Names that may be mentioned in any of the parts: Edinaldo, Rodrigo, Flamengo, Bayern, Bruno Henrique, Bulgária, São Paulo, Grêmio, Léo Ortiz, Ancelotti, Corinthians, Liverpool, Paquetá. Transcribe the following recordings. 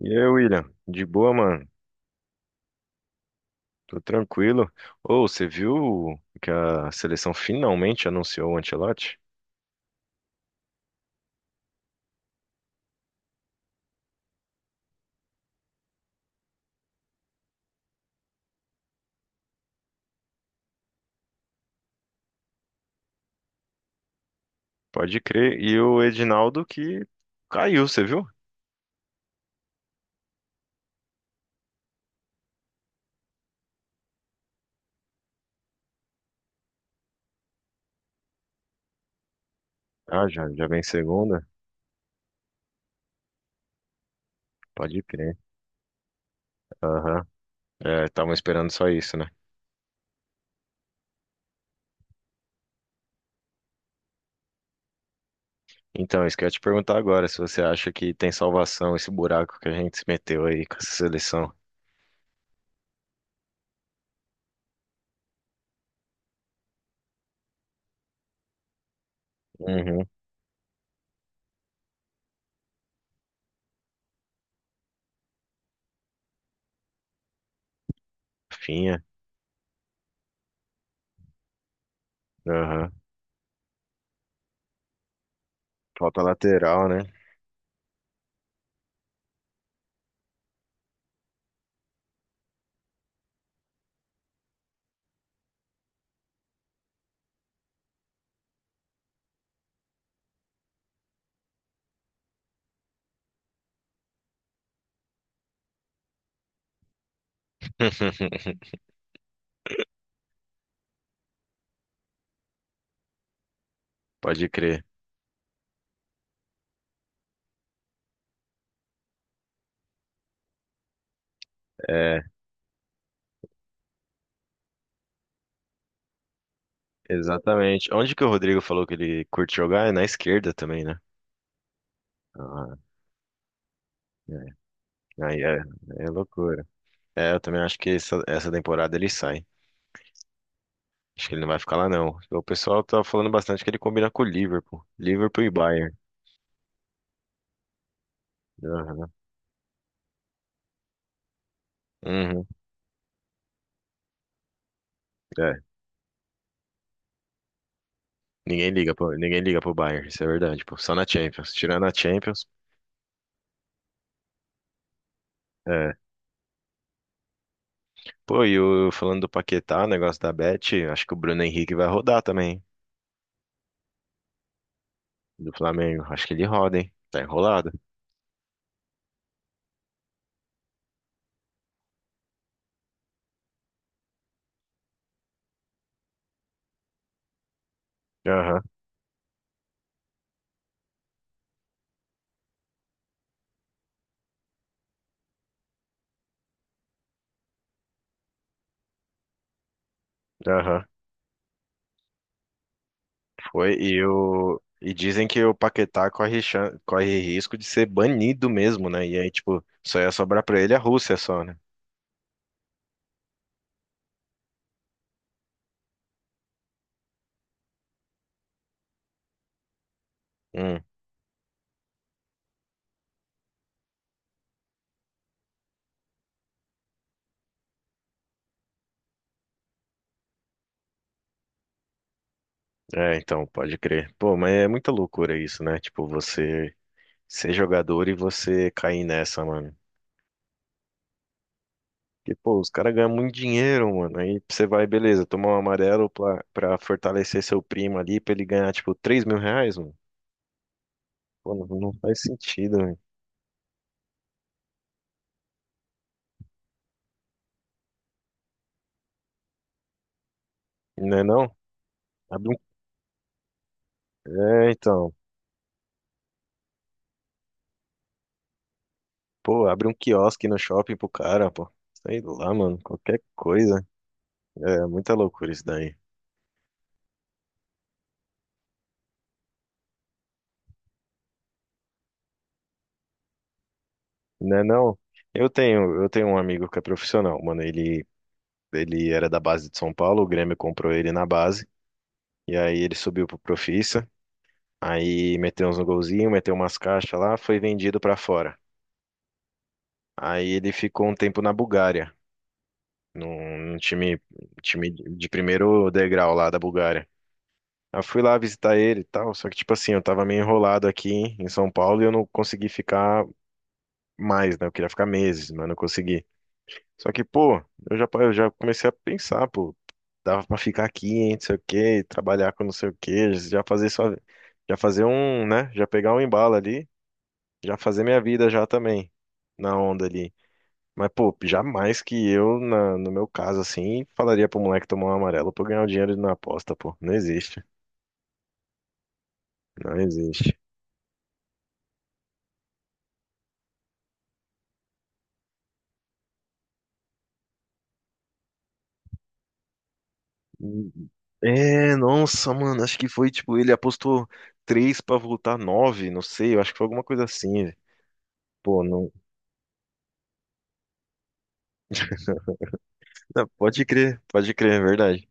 E aí, William? De boa, mano? Tô tranquilo. Ô, você viu que a seleção finalmente anunciou o Ancelotti? Pode crer. E o Edinaldo que caiu, você viu? Ah, já, já vem segunda? Pode crer. Aham. É, estavam esperando só isso, né? Então, isso que eu ia te perguntar agora, se você acha que tem salvação esse buraco que a gente se meteu aí com essa seleção. Uhum. Finha. Aham. Falta lateral, né? Pode crer. É, exatamente. Onde que o Rodrigo falou que ele curte jogar? É na esquerda também, né? Ah, é. Aí é, é loucura. É, eu também acho que essa temporada ele sai. Acho que ele não vai ficar lá, não. O pessoal tá falando bastante que ele combina com o Liverpool. Liverpool e Bayern. Aham. Uhum. É. Ninguém liga pro Bayern, isso é verdade, pô. Só na Champions. Tirando a Champions. É. Pô, e o, falando do Paquetá, o negócio da Bet, acho que o Bruno Henrique vai rodar também, hein? Do Flamengo. Acho que ele roda, hein? Tá enrolado. Aham, aham. Foi, e, o, e dizem que o Paquetá corre, corre risco de ser banido mesmo, né? E aí, tipo, só ia sobrar pra ele a Rússia só, né? Hum, é, então, pode crer. Pô, mas é muita loucura isso, né? Tipo, você ser jogador e você cair nessa, mano. Porque, pô, os caras ganham muito dinheiro, mano. Aí você vai, beleza, tomar um amarelo pra, pra fortalecer seu primo ali, pra ele ganhar, tipo, 3.000 reais, mano. Pô, não, não faz sentido, né? Não é não? Abre um... É, então. Pô, abre um quiosque no shopping pro cara, pô. Sei lá, mano, qualquer coisa. É muita loucura isso daí. Né, não? Eu tenho um amigo que é profissional, mano. Ele era da base de São Paulo, o Grêmio comprou ele na base. E aí ele subiu pro Profissa. Aí meteu uns golzinhos, meteu umas caixas lá, foi vendido pra fora. Aí ele ficou um tempo na Bulgária, num time, time de primeiro degrau lá da Bulgária. Eu fui lá visitar ele e tal, só que, tipo assim, eu tava meio enrolado aqui em São Paulo e eu não consegui ficar mais, né? Eu queria ficar meses, mas não consegui. Só que, pô, eu já comecei a pensar, pô, dava pra ficar aqui, hein, não sei o quê, trabalhar com não sei o quê, já fazer só, já fazer um, né? Já pegar um embalo ali, já fazer minha vida já também, na onda ali. Mas, pô, jamais que eu, na, no meu caso, assim, falaria pro moleque tomar um amarelo pra eu ganhar o dinheiro na aposta, pô. Não existe, não existe. É, nossa, mano, acho que foi tipo, ele apostou três pra voltar nove, não sei, eu acho que foi alguma coisa assim, velho. Pô, não, não, pode crer, é verdade.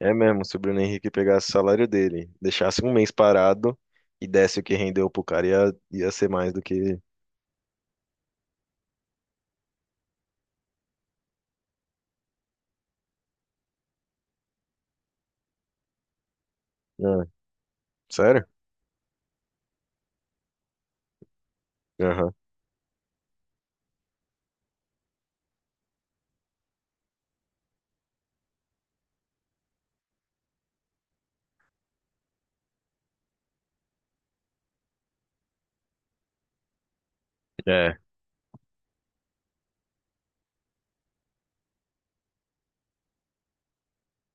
É mesmo, se o Bruno Henrique pegasse o salário dele, deixasse um mês parado e desse o que rendeu pro cara, ia, ia ser mais do que. Ah, sério? Aham. É,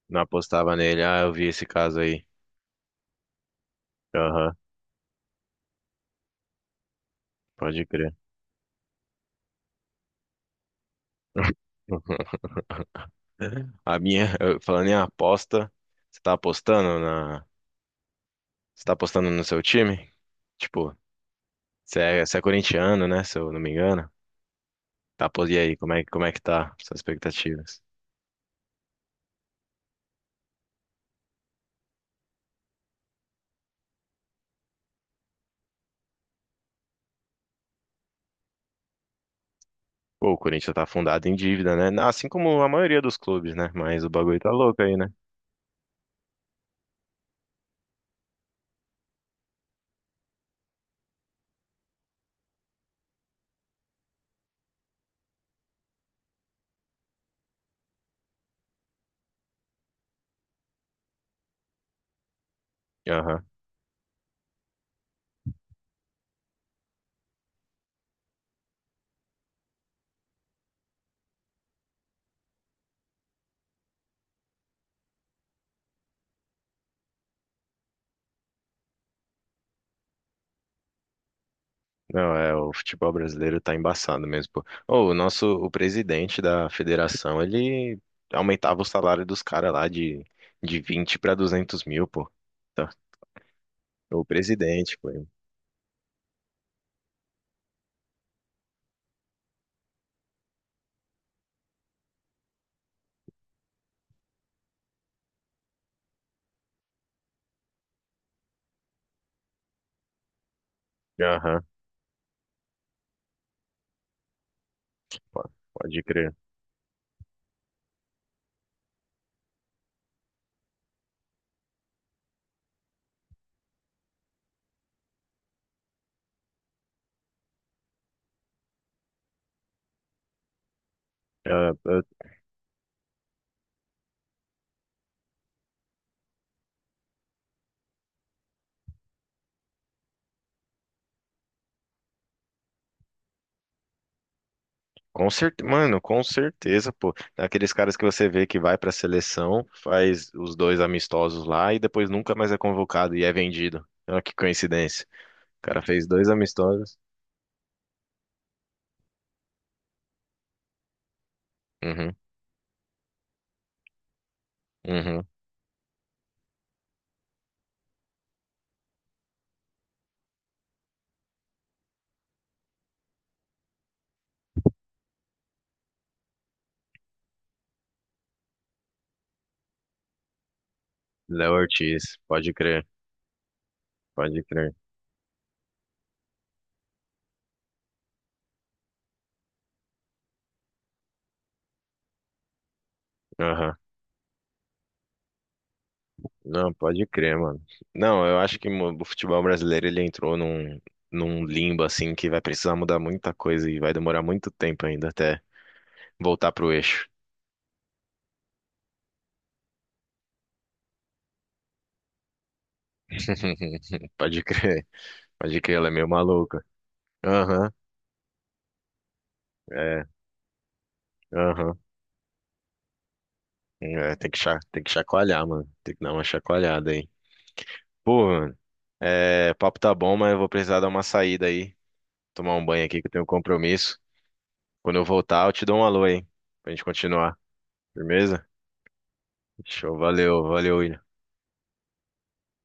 não apostava nele. Ah, eu vi esse caso aí. Aham, pode crer. A minha, falando em aposta, você tá apostando na. Você tá apostando no seu time? Tipo, você é corintiano, né? Se eu não me engano. Tá, e aí, como é que tá suas expectativas? Pô, o Corinthians tá afundado em dívida, né? Assim como a maioria dos clubes, né? Mas o bagulho tá louco aí, né? Aham. Não, é, o futebol brasileiro tá embaçado mesmo, pô. Ô, o nosso, o presidente da federação, ele aumentava o salário dos caras lá de 20 mil pra 200 mil, pô. Tá. O presidente, pô. Aham, po- pode crer. Ah, ah, com certeza, mano, com certeza, pô. Aqueles caras que você vê que vai pra seleção, faz os dois amistosos lá e depois nunca mais é convocado e é vendido. Olha que coincidência. O cara fez dois amistosos. Uhum, uhum. Léo Ortiz, pode crer, pode crer. Aham. Não, pode crer, mano. Não, eu acho que o futebol brasileiro ele entrou num, num limbo assim que vai precisar mudar muita coisa e vai demorar muito tempo ainda até voltar pro eixo. Pode crer. Pode crer, ela é meio maluca. Aham, é, aham. É, tem que, tem que chacoalhar, mano. Tem que dar uma chacoalhada aí. Pô, mano, é, papo tá bom, mas eu vou precisar dar uma saída aí. Tomar um banho aqui que eu tenho um compromisso. Quando eu voltar, eu te dou um alô aí. Pra gente continuar. Firmeza? Show, valeu, valeu, William.